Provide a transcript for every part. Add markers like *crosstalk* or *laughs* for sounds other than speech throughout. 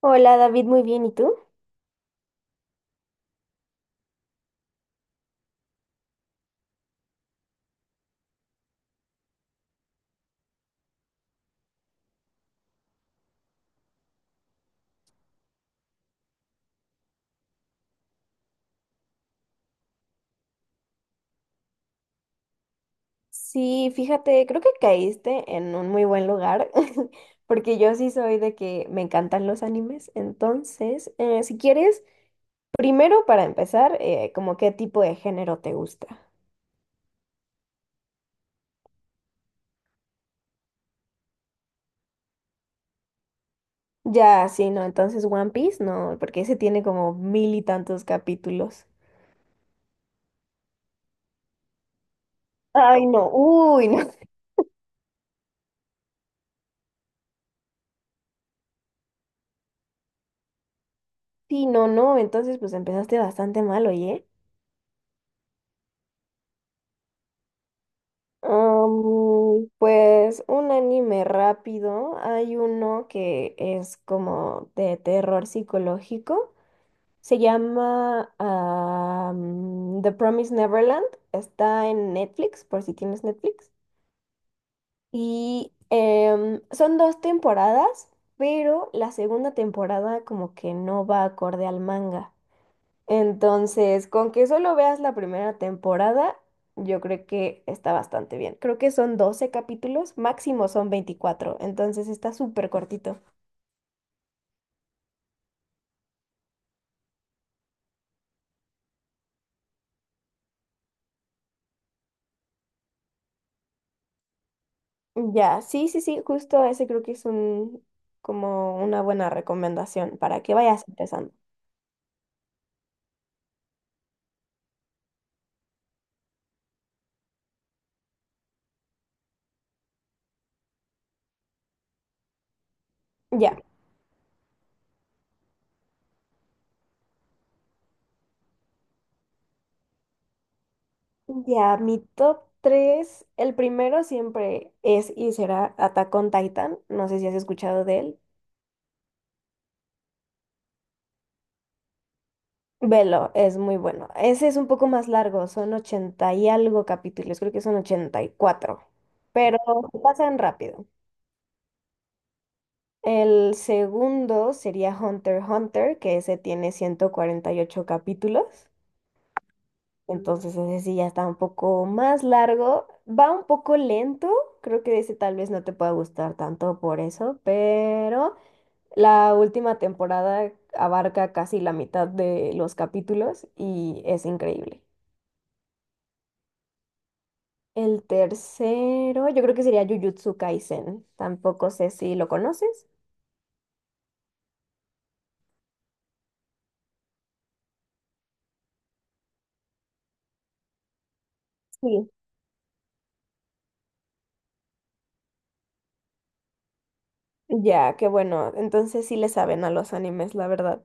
Hola David, muy bien, ¿y tú? Sí, fíjate, creo que caíste en un muy buen lugar, *laughs* porque yo sí soy de que me encantan los animes, entonces, si quieres, primero para empezar, como qué tipo de género te gusta. Ya, sí, no, entonces One Piece, no, porque ese tiene como mil y tantos capítulos. Ay, no, uy, no. *laughs* Sí, no, no, entonces pues empezaste bastante mal, oye. Pues un anime rápido. Hay uno que es como de terror psicológico. Se llama The Promised Neverland. Está en Netflix, por si tienes Netflix. Y son dos temporadas, pero la segunda temporada como que no va acorde al manga. Entonces, con que solo veas la primera temporada, yo creo que está bastante bien. Creo que son 12 capítulos, máximo son 24. Entonces está súper cortito. Ya, sí, sí, sí, justo ese creo que es un, como una buena recomendación para que vayas empezando. Ya, ya, mi top 3, el primero siempre es y será Attack on Titan, no sé si has escuchado de él. Velo, es muy bueno. Ese es un poco más largo, son 80 y algo capítulos, creo que son 84, pero se pasan rápido. El segundo sería Hunter x Hunter, que ese tiene 148 capítulos, entonces ese sí ya está un poco más largo, va un poco lento, creo que ese tal vez no te pueda gustar tanto por eso, pero la última temporada abarca casi la mitad de los capítulos y es increíble. El tercero, yo creo que sería Jujutsu Kaisen. Tampoco sé si lo conoces. Sí. Ya, qué bueno. Entonces sí le saben a los animes, la verdad.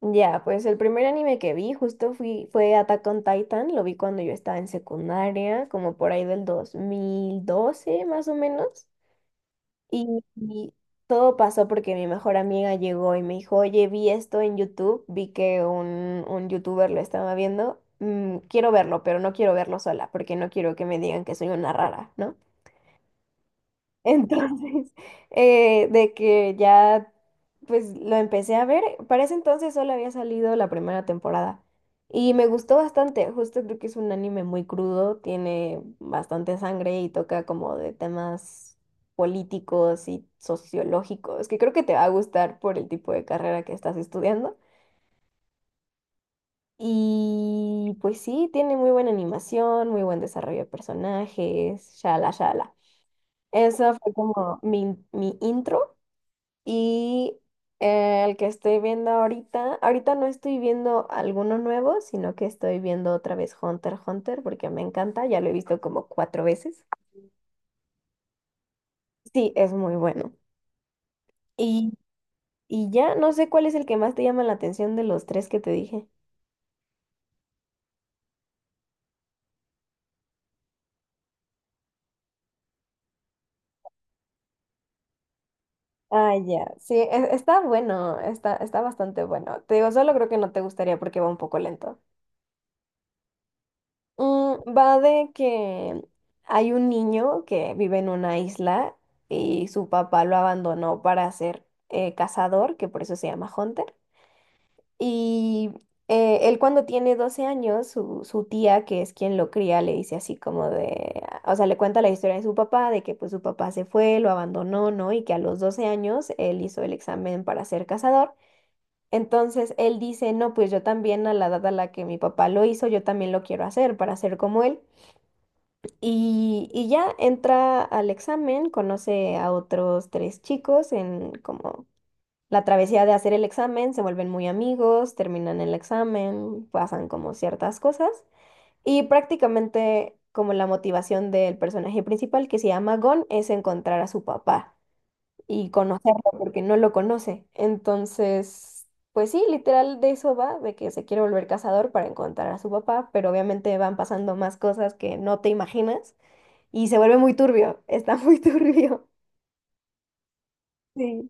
Ya, pues el primer anime que vi justo fue Attack on Titan. Lo vi cuando yo estaba en secundaria, como por ahí del 2012, más o menos. Y todo pasó porque mi mejor amiga llegó y me dijo, oye, vi esto en YouTube, vi que un youtuber lo estaba viendo, quiero verlo, pero no quiero verlo sola porque no quiero que me digan que soy una rara, ¿no? Entonces, *laughs* de que ya, pues lo empecé a ver. Para ese entonces solo había salido la primera temporada. Y me gustó bastante. Justo creo que es un anime muy crudo, tiene bastante sangre y toca como de temas políticos y sociológicos, que creo que te va a gustar por el tipo de carrera que estás estudiando. Y pues sí, tiene muy buena animación, muy buen desarrollo de personajes, shala, shala. Eso fue como mi intro. Y el que estoy viendo ahorita, ahorita no estoy viendo alguno nuevo, sino que estoy viendo otra vez Hunter x Hunter porque me encanta, ya lo he visto como cuatro veces. Sí, es muy bueno. Y, y ya no sé cuál es el que más te llama la atención de los tres que te dije. Ah, ya, sí, está bueno, está, está bastante bueno. Te digo, solo creo que no te gustaría porque va un poco lento. Mm, va de que hay un niño que vive en una isla y su papá lo abandonó para ser cazador, que por eso se llama Hunter. Y él cuando tiene 12 años, su tía, que es quien lo cría, le dice así como de, o sea, le cuenta la historia de su papá, de que pues su papá se fue, lo abandonó, ¿no? Y que a los 12 años él hizo el examen para ser cazador. Entonces él dice, no, pues yo también a la edad a la que mi papá lo hizo, yo también lo quiero hacer para ser como él. Y ya entra al examen, conoce a otros tres chicos en como la travesía de hacer el examen, se vuelven muy amigos, terminan el examen, pasan como ciertas cosas. Y prácticamente como la motivación del personaje principal, que se llama Gon, es encontrar a su papá y conocerlo porque no lo conoce. Entonces, pues sí, literal de eso va, de que se quiere volver cazador para encontrar a su papá, pero obviamente van pasando más cosas que no te imaginas. Y se vuelve muy turbio, está muy *laughs* turbio. Sí.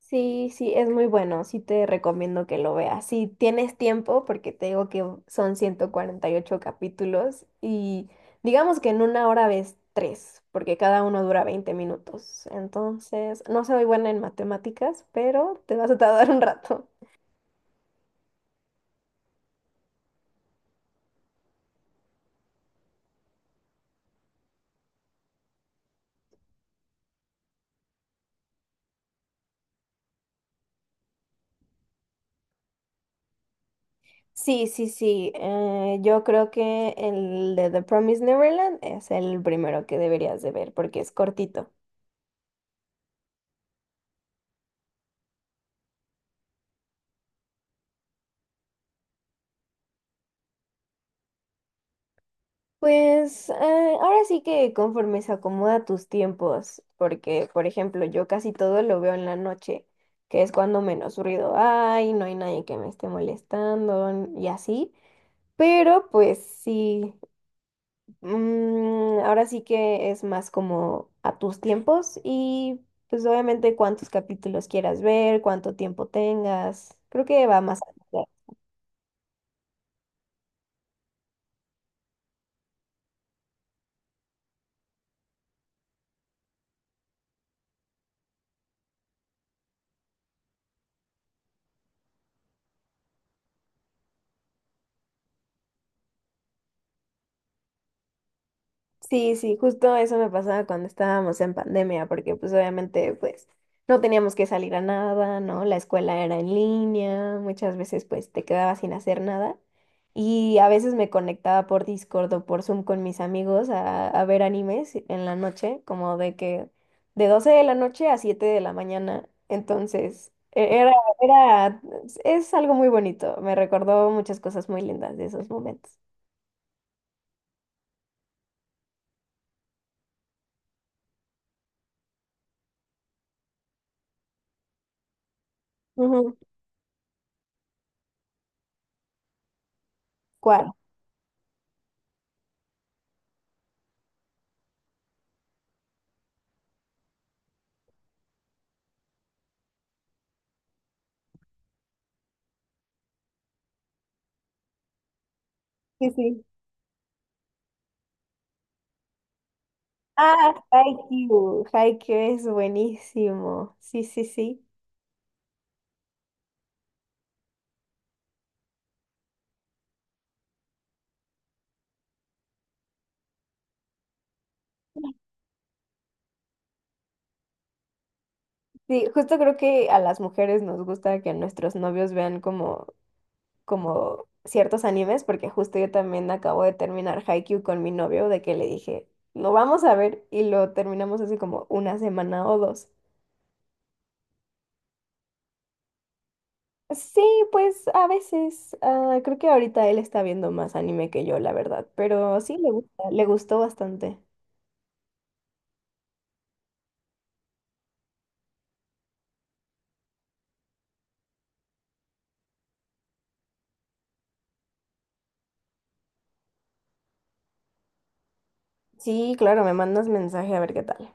Sí, sí, es muy bueno, sí te recomiendo que lo veas. Si tienes tiempo, porque te digo que son 148 capítulos y digamos que en una hora ves tres, porque cada uno dura 20 minutos. Entonces, no soy buena en matemáticas, pero te vas a tardar un rato. Sí, sí, sí, yo creo que el de The Promised Neverland es el primero que deberías de ver porque es cortito. Pues ahora sí que conforme se acomoda tus tiempos, porque por ejemplo yo casi todo lo veo en la noche, que es cuando menos ruido hay, no hay nadie que me esté molestando y así, pero pues sí, ahora sí que es más como a tus tiempos y pues obviamente cuántos capítulos quieras ver, cuánto tiempo tengas, creo que va más. Sí, sí, justo eso me pasaba cuando estábamos en pandemia, porque pues obviamente pues no teníamos que salir a nada, ¿no? La escuela era en línea, muchas veces pues te quedabas sin hacer nada y a veces me conectaba por Discord o por Zoom con mis amigos a, ver animes en la noche, como de que de 12 de la noche a 7 de la mañana, entonces era, es algo muy bonito, me recordó muchas cosas muy lindas de esos momentos. Ujú. ¿Cuál? Sí, sí. Ah, Haikyuu. Haikyuu es buenísimo. Sí, sí, sí. Sí, justo creo que a las mujeres nos gusta que nuestros novios vean como, como ciertos animes, porque justo yo también acabo de terminar Haikyuu con mi novio, de que le dije, lo vamos a ver, y lo terminamos hace como una semana o dos. Sí, pues a veces. Creo que ahorita él está viendo más anime que yo, la verdad, pero sí le gusta, le gustó bastante. Sí, claro, me mandas mensaje a ver qué tal.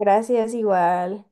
Gracias, igual.